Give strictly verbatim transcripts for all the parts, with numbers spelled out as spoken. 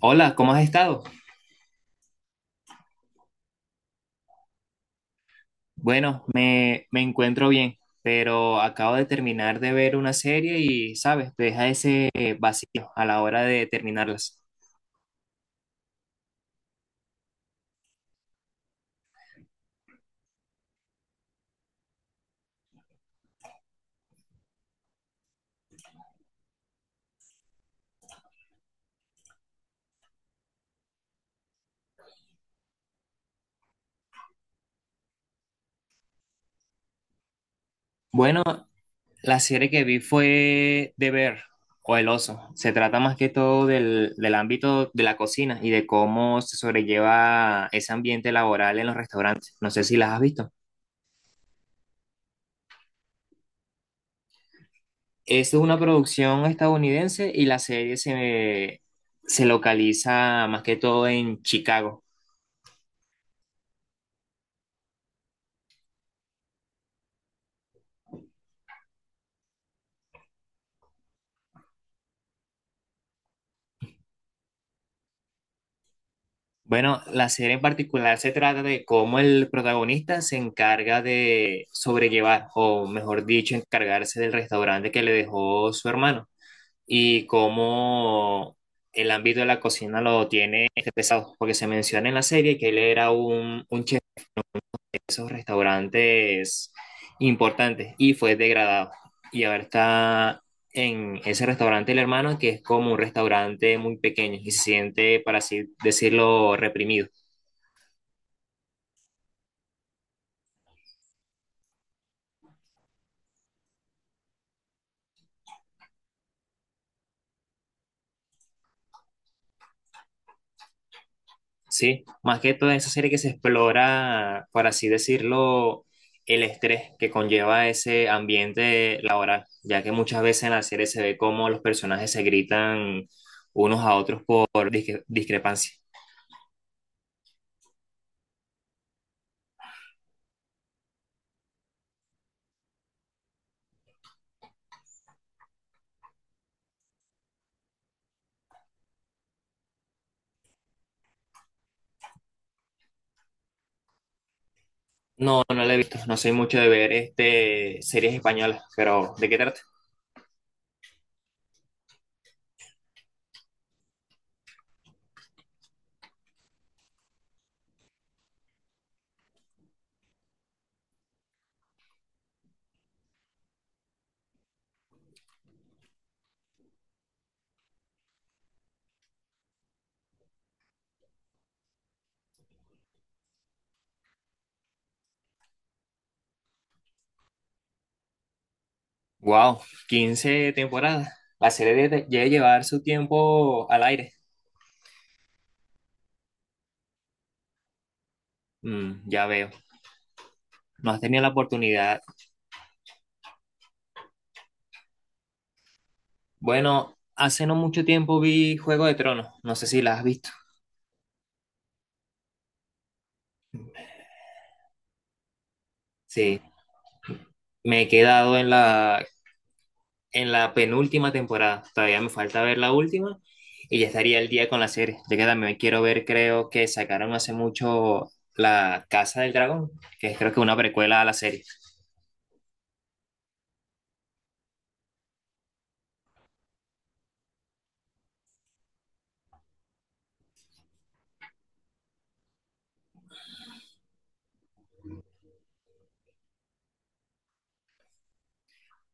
Hola, ¿cómo has estado? Bueno, me, me encuentro bien, pero acabo de terminar de ver una serie y, ¿sabes? Te deja ese eh, vacío a la hora de terminarlas. Bueno, la serie que vi fue The Bear o El Oso. Se trata más que todo del, del ámbito de la cocina y de cómo se sobrelleva ese ambiente laboral en los restaurantes. No sé si las has visto. Es una producción estadounidense y la serie se, se localiza más que todo en Chicago. Bueno, la serie en particular se trata de cómo el protagonista se encarga de sobrellevar, o mejor dicho, encargarse del restaurante que le dejó su hermano y cómo el ámbito de la cocina lo tiene este pesado, porque se menciona en la serie que él era un, un chef de esos restaurantes importantes y fue degradado. Y ahora está en ese restaurante el hermano, que es como un restaurante muy pequeño y se siente, para así decirlo, reprimido. Sí, más que toda esa serie que se explora, por así decirlo, el estrés que conlleva ese ambiente laboral, ya que muchas veces en la serie se ve cómo los personajes se gritan unos a otros por disque- discrepancia. No, no la he visto, no soy mucho de ver este, series españolas, pero ¿de qué trata? Wow, quince temporadas. La serie de- debe llevar su tiempo al aire. Mm, ya veo. No has tenido la oportunidad. Bueno, hace no mucho tiempo vi Juego de Tronos, no sé si la has visto. Sí, me he quedado en la, en la penúltima temporada, todavía me falta ver la última y ya estaría el día con la serie. Ya que también quiero ver, creo que sacaron hace mucho La Casa del Dragón, que es creo que una precuela a la serie.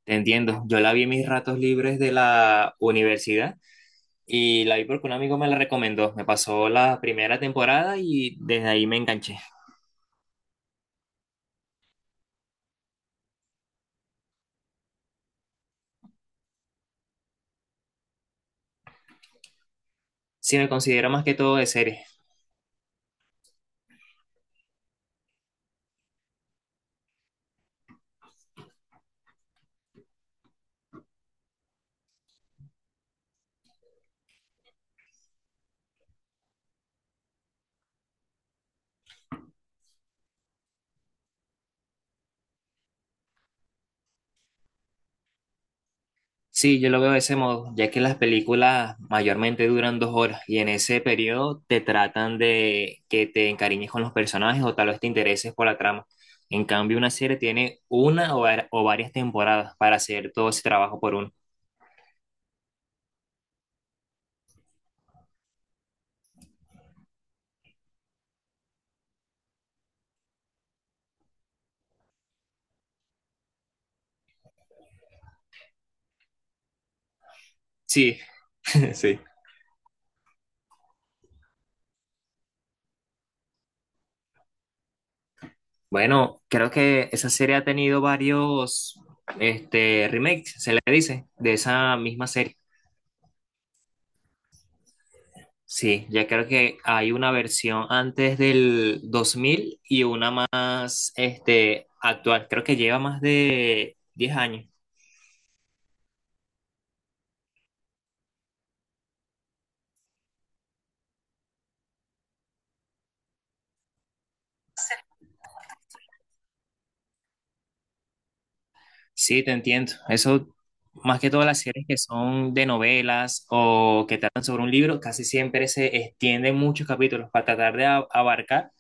Te entiendo, yo la vi en mis ratos libres de la universidad y la vi porque un amigo me la recomendó. Me pasó la primera temporada y desde ahí me enganché. Sí, me considero más que todo de serie. Sí, yo lo veo de ese modo, ya que las películas mayormente duran dos horas y en ese periodo te tratan de que te encariñes con los personajes o tal vez te intereses por la trama. En cambio, una serie tiene una o, var- o varias temporadas para hacer todo ese trabajo por uno. Sí, sí. Bueno, creo que esa serie ha tenido varios este, remakes, se le dice, de esa misma serie. Sí, ya creo que hay una versión antes del dos mil y una más este, actual. Creo que lleva más de diez años. Sí, te entiendo. Eso, más que todas las series que son de novelas o que tratan sobre un libro, casi siempre se extienden muchos capítulos para tratar de a- abarcar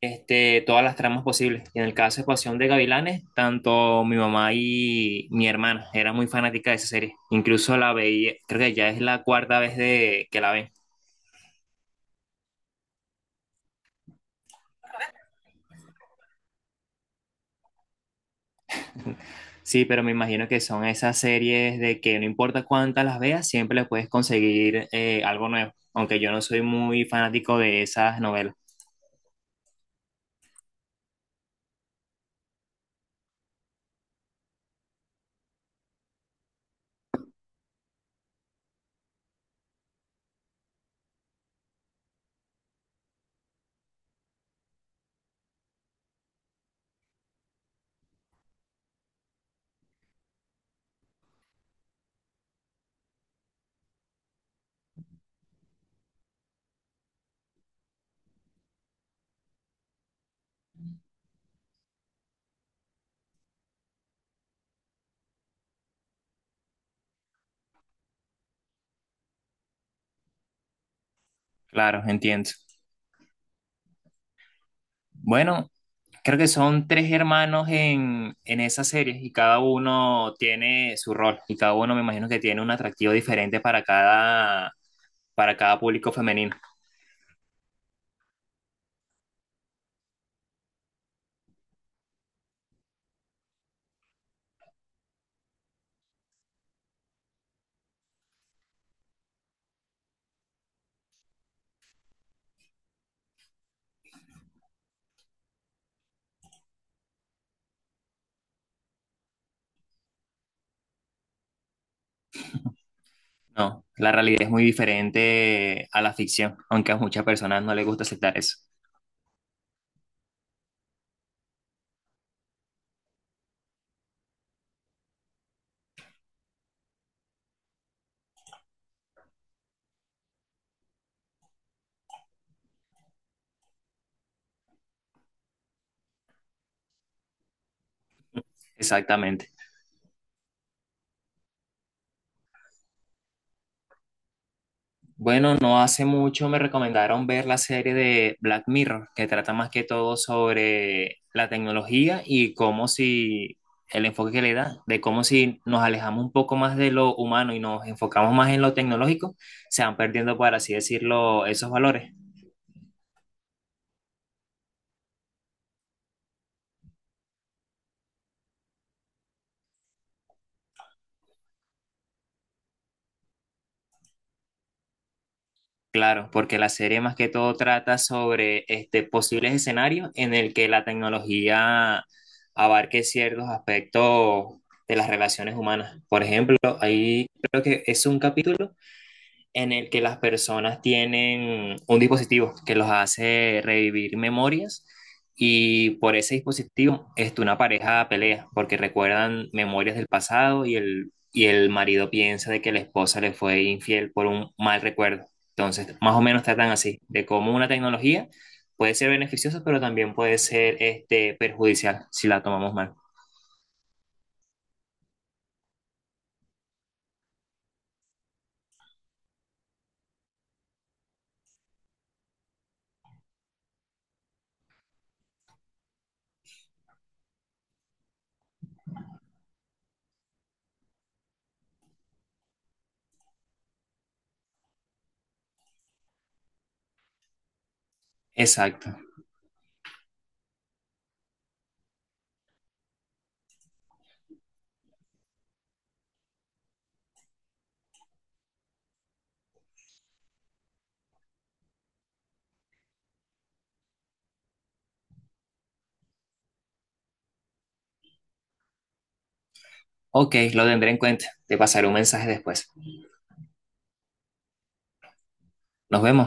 este, todas las tramas posibles. Y en el caso de Pasión de Gavilanes, tanto mi mamá y mi hermana eran muy fanáticas de esa serie. Incluso la veía, creo que ya es la cuarta vez de, que la ven. Sí, pero me imagino que son esas series de que no importa cuántas las veas, siempre le puedes conseguir eh, algo nuevo, aunque yo no soy muy fanático de esas novelas. Claro, entiendo. Bueno, creo que son tres hermanos en, en esas series y cada uno tiene su rol y cada uno me imagino que tiene un atractivo diferente para cada, para cada público femenino. No, la realidad es muy diferente a la ficción, aunque a muchas personas no les gusta aceptar eso. Exactamente. Bueno, no hace mucho me recomendaron ver la serie de Black Mirror, que trata más que todo sobre la tecnología y cómo si el enfoque que le da, de cómo si nos alejamos un poco más de lo humano y nos enfocamos más en lo tecnológico, se van perdiendo, por así decirlo, esos valores. Claro, porque la serie más que todo trata sobre este, posibles escenarios en el que la tecnología abarque ciertos aspectos de las relaciones humanas. Por ejemplo, ahí creo que es un capítulo en el que las personas tienen un dispositivo que los hace revivir memorias y por ese dispositivo este, una pareja pelea porque recuerdan memorias del pasado y el, y el marido piensa de que la esposa le fue infiel por un mal recuerdo. Entonces, más o menos tratan así, de cómo una tecnología puede ser beneficiosa, pero también puede ser este, perjudicial si la tomamos mal. Exacto. Ok, lo tendré en cuenta. Te pasaré un mensaje después. Nos vemos.